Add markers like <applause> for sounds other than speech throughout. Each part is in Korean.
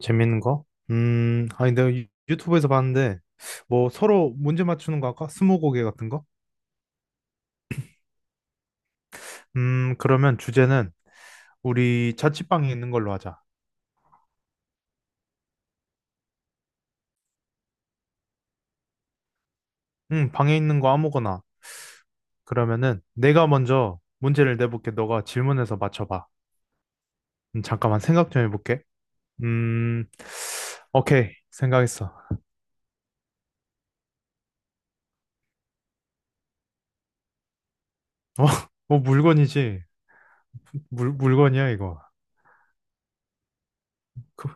재밌는 거? 아니, 내가 유튜브에서 봤는데, 뭐, 서로 문제 맞추는 거 할까? 스무고개 같은 거? 그러면 주제는 우리 자취방에 있는 걸로 하자. 방에 있는 거 아무거나. 그러면은 내가 먼저 문제를 내볼게. 너가 질문해서 맞춰봐. 잠깐만 생각 좀 해볼게. 음, 오케이. 생각했어. 어, <laughs> 뭐 물건이지. 물건이야, 이거. 그,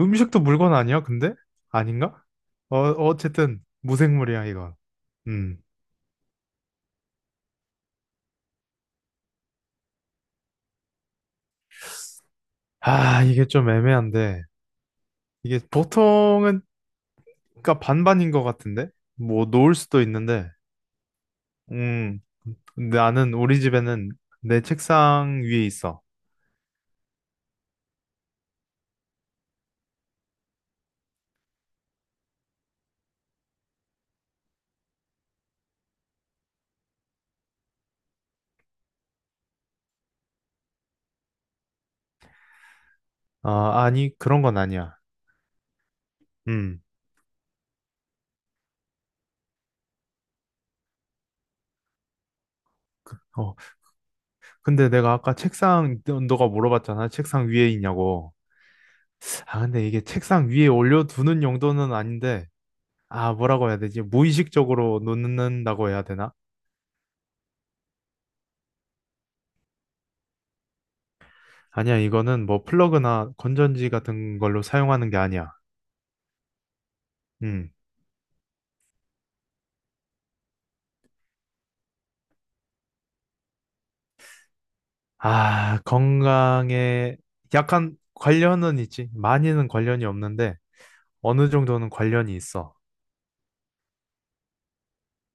음식도 물건 아니야, 근데? 아닌가? 어, 어쨌든 무생물이야, 이거. 음. 아, 이게 좀 애매한데. 이게 보통은, 그러니까 반반인 것 같은데? 뭐, 놓을 수도 있는데. 음, 나는 우리 집에는 내 책상 위에 있어. 아니, 그런 건 아니야. 음. 어, 근데 내가 아까 너가 물어봤잖아. 책상 위에 있냐고. 아, 근데 이게 책상 위에 올려두는 용도는 아닌데, 아, 뭐라고 해야 되지? 무의식적으로 놓는다고 해야 되나? 아니야, 이거는 뭐 플러그나 건전지 같은 걸로 사용하는 게 아니야. 음. 아, 건강에 약간 관련은 있지. 많이는 관련이 없는데 어느 정도는 관련이 있어.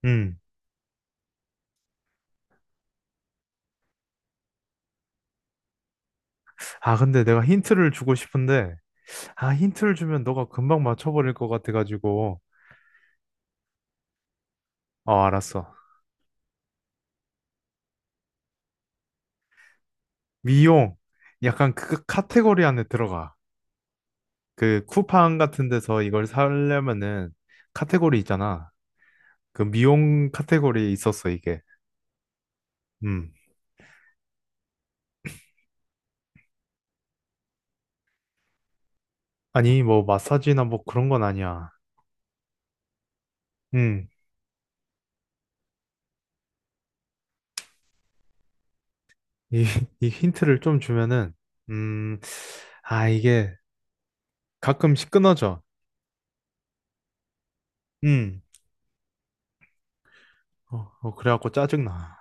음. 아, 근데 내가 힌트를 주고 싶은데 아, 힌트를 주면 너가 금방 맞춰버릴 것 같아가지고 어, 알았어. 미용. 약간 그 카테고리 안에 들어가. 그 쿠팡 같은 데서 이걸 사려면은 카테고리 있잖아. 그 미용 카테고리에 있었어, 이게. 음. 아니, 뭐 마사지나 뭐 그런 건 아니야. 음. 이, <laughs> 이 힌트를 좀 주면은, 음, 아, 이게 가끔씩 끊어져. 음, 어, 그래갖고 짜증나.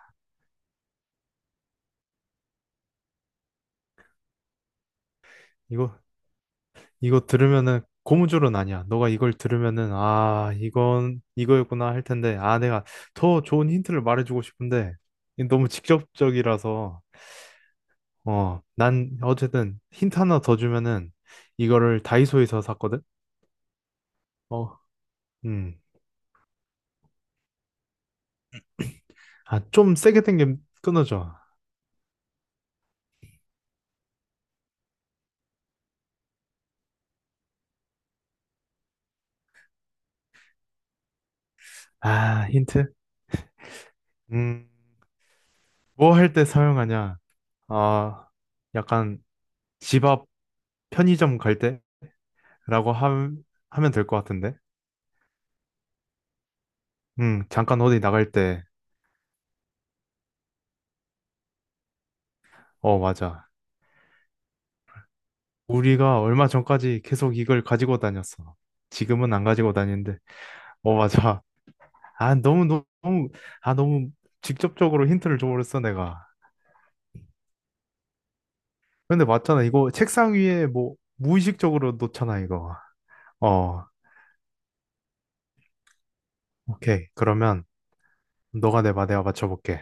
이거, 이거 들으면은 고무줄은 아니야. 너가 이걸 들으면은, 아, 이건 이거였구나 할 텐데, 아, 내가 더 좋은 힌트를 말해주고 싶은데, 이게 너무 직접적이라서, 어, 난 어쨌든 힌트 하나 더 주면은, 이거를 다이소에서 샀거든? 어, 음, 아, 좀 세게 당기면 끊어져. 아, 힌트? 음. 뭐 할 때 사용하냐? 아, 약간 집 앞 편의점 갈 때라고 함- 하면 될 것 같은데? 응, 잠깐 어디 나갈 때. 어, 맞아. 우리가 얼마 전까지 계속 이걸 가지고 다녔어. 지금은 안 가지고 다니는데. 어, 맞아. 아, 너무, 너무, 너무- 아, 너무 직접적으로 힌트를 줘버렸어, 내가. 근데 맞잖아. 이거 책상 위에 뭐, 무의식적으로 놓잖아, 이거. 어, 오케이. 그러면 너가 내봐, 내가 맞춰볼게.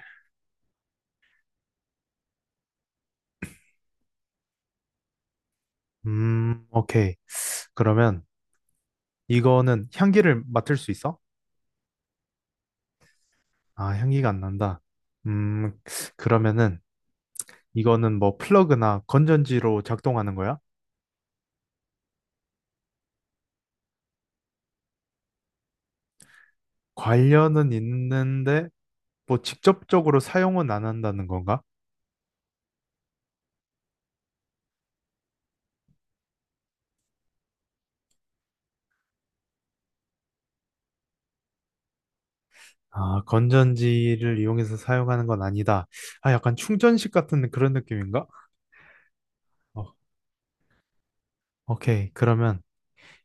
오케이. 그러면 이거는 향기를 맡을 수 있어? 아, 향기가 안 난다. 음, 그러면은 이거는 뭐 플러그나 건전지로 작동하는 거야? 관련은 있는데 뭐 직접적으로 사용은 안 한다는 건가? 아, 건전지를 이용해서 사용하는 건 아니다. 아, 약간 충전식 같은 그런 느낌인가? 어, 오케이. 그러면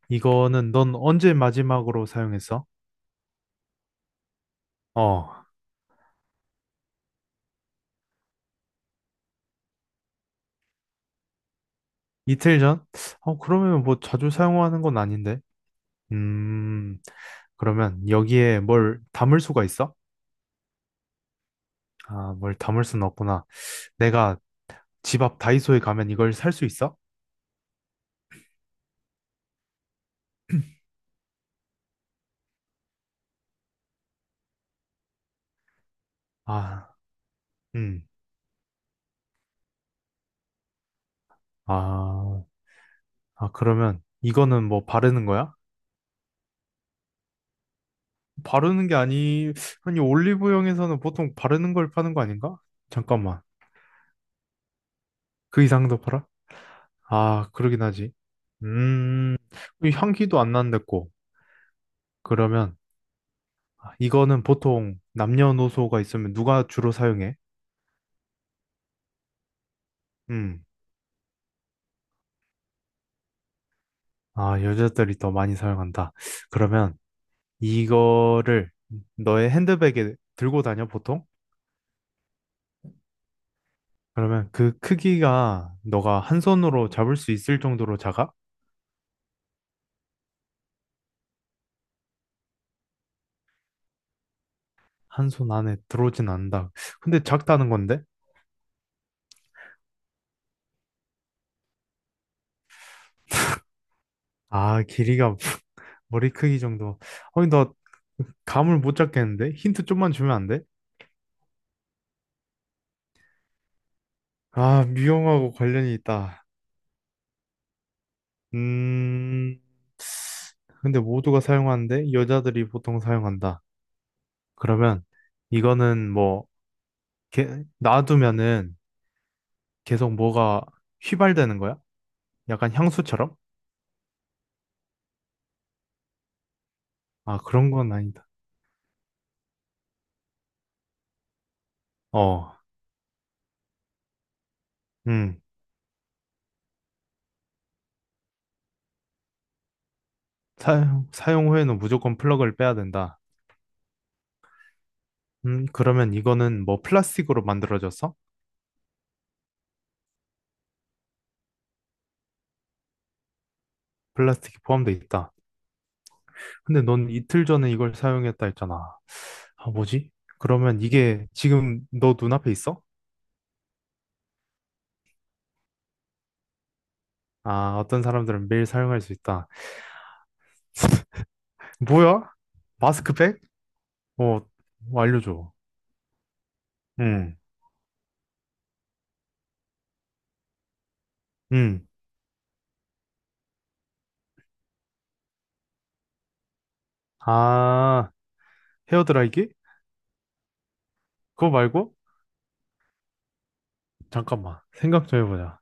이거는 넌 언제 마지막으로 사용했어? 어, 이틀 전? 어, 그러면 뭐 자주 사용하는 건 아닌데. 음, 그러면 여기에 뭘 담을 수가 있어? 아, 뭘 담을 수는 없구나. 내가 집 앞 다이소에 가면 이걸 살 수 있어? 아, 음, 아, 아, 그러면 이거는 뭐 바르는 거야? 바르는 게 아니, 아니, 올리브영에서는 보통 바르는 걸 파는 거 아닌가? 잠깐만, 그 이상도 팔아? 아, 그러긴 하지. 음, 이 향기도 안 난댔고. 그러면 이거는 보통 남녀노소가 있으면 누가 주로 사용해? 음. 아, 여자들이 더 많이 사용한다. 그러면 이거를 너의 핸드백에 들고 다녀, 보통? 그러면 그 크기가 너가 한 손으로 잡을 수 있을 정도로 작아? 한 손 안에 들어오진 않는다. 근데 작다는 건데? 아, 길이가 <laughs> 머리 크기 정도. 아니, 나 감을 못 잡겠는데? 힌트 좀만 주면 안 돼? 아, 미용하고 관련이 있다. 음, 근데 모두가 사용하는데 여자들이 보통 사용한다. 그러면 이거는 뭐 놔두면은 계속 뭐가 휘발되는 거야? 약간 향수처럼? 아, 그런 건 아니다. 어, 음, 사용 후에는 무조건 플러그를 빼야 된다. 그러면 이거는 뭐 플라스틱으로 만들어졌어? 플라스틱이 포함돼 있다. 근데 넌 이틀 전에 이걸 사용했다 했잖아. 아, 뭐지? 그러면 이게 지금 너 눈앞에 있어? 아, 어떤 사람들은 매일 사용할 수 있다. 뭐야? 마스크팩? 어, 뭐 알려줘. 응, 응. 아, 헤어드라이기? 그거 말고? 잠깐만. 생각 좀 해보자.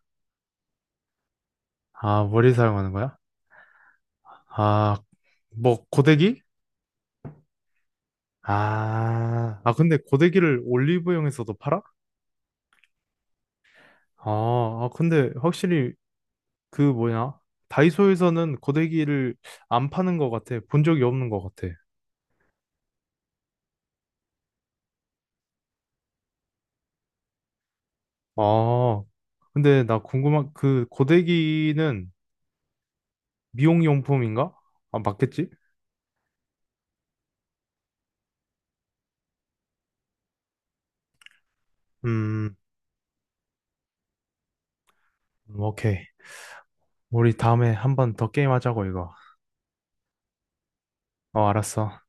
아, 머리 사용하는 거야? 아, 뭐, 고데기? 아, 아, 근데 고데기를 올리브영에서도 팔아? 아, 아, 근데 확실히 그 뭐냐? 다이소에서는 고데기를 안 파는 것 같아. 본 적이 없는 것 같아. 아, 근데 나 궁금한, 그 고데기는 미용용품인가? 아, 맞겠지? 음, 오케이. 우리 다음에 한 번 더 게임하자고, 이거. 어, 알았어.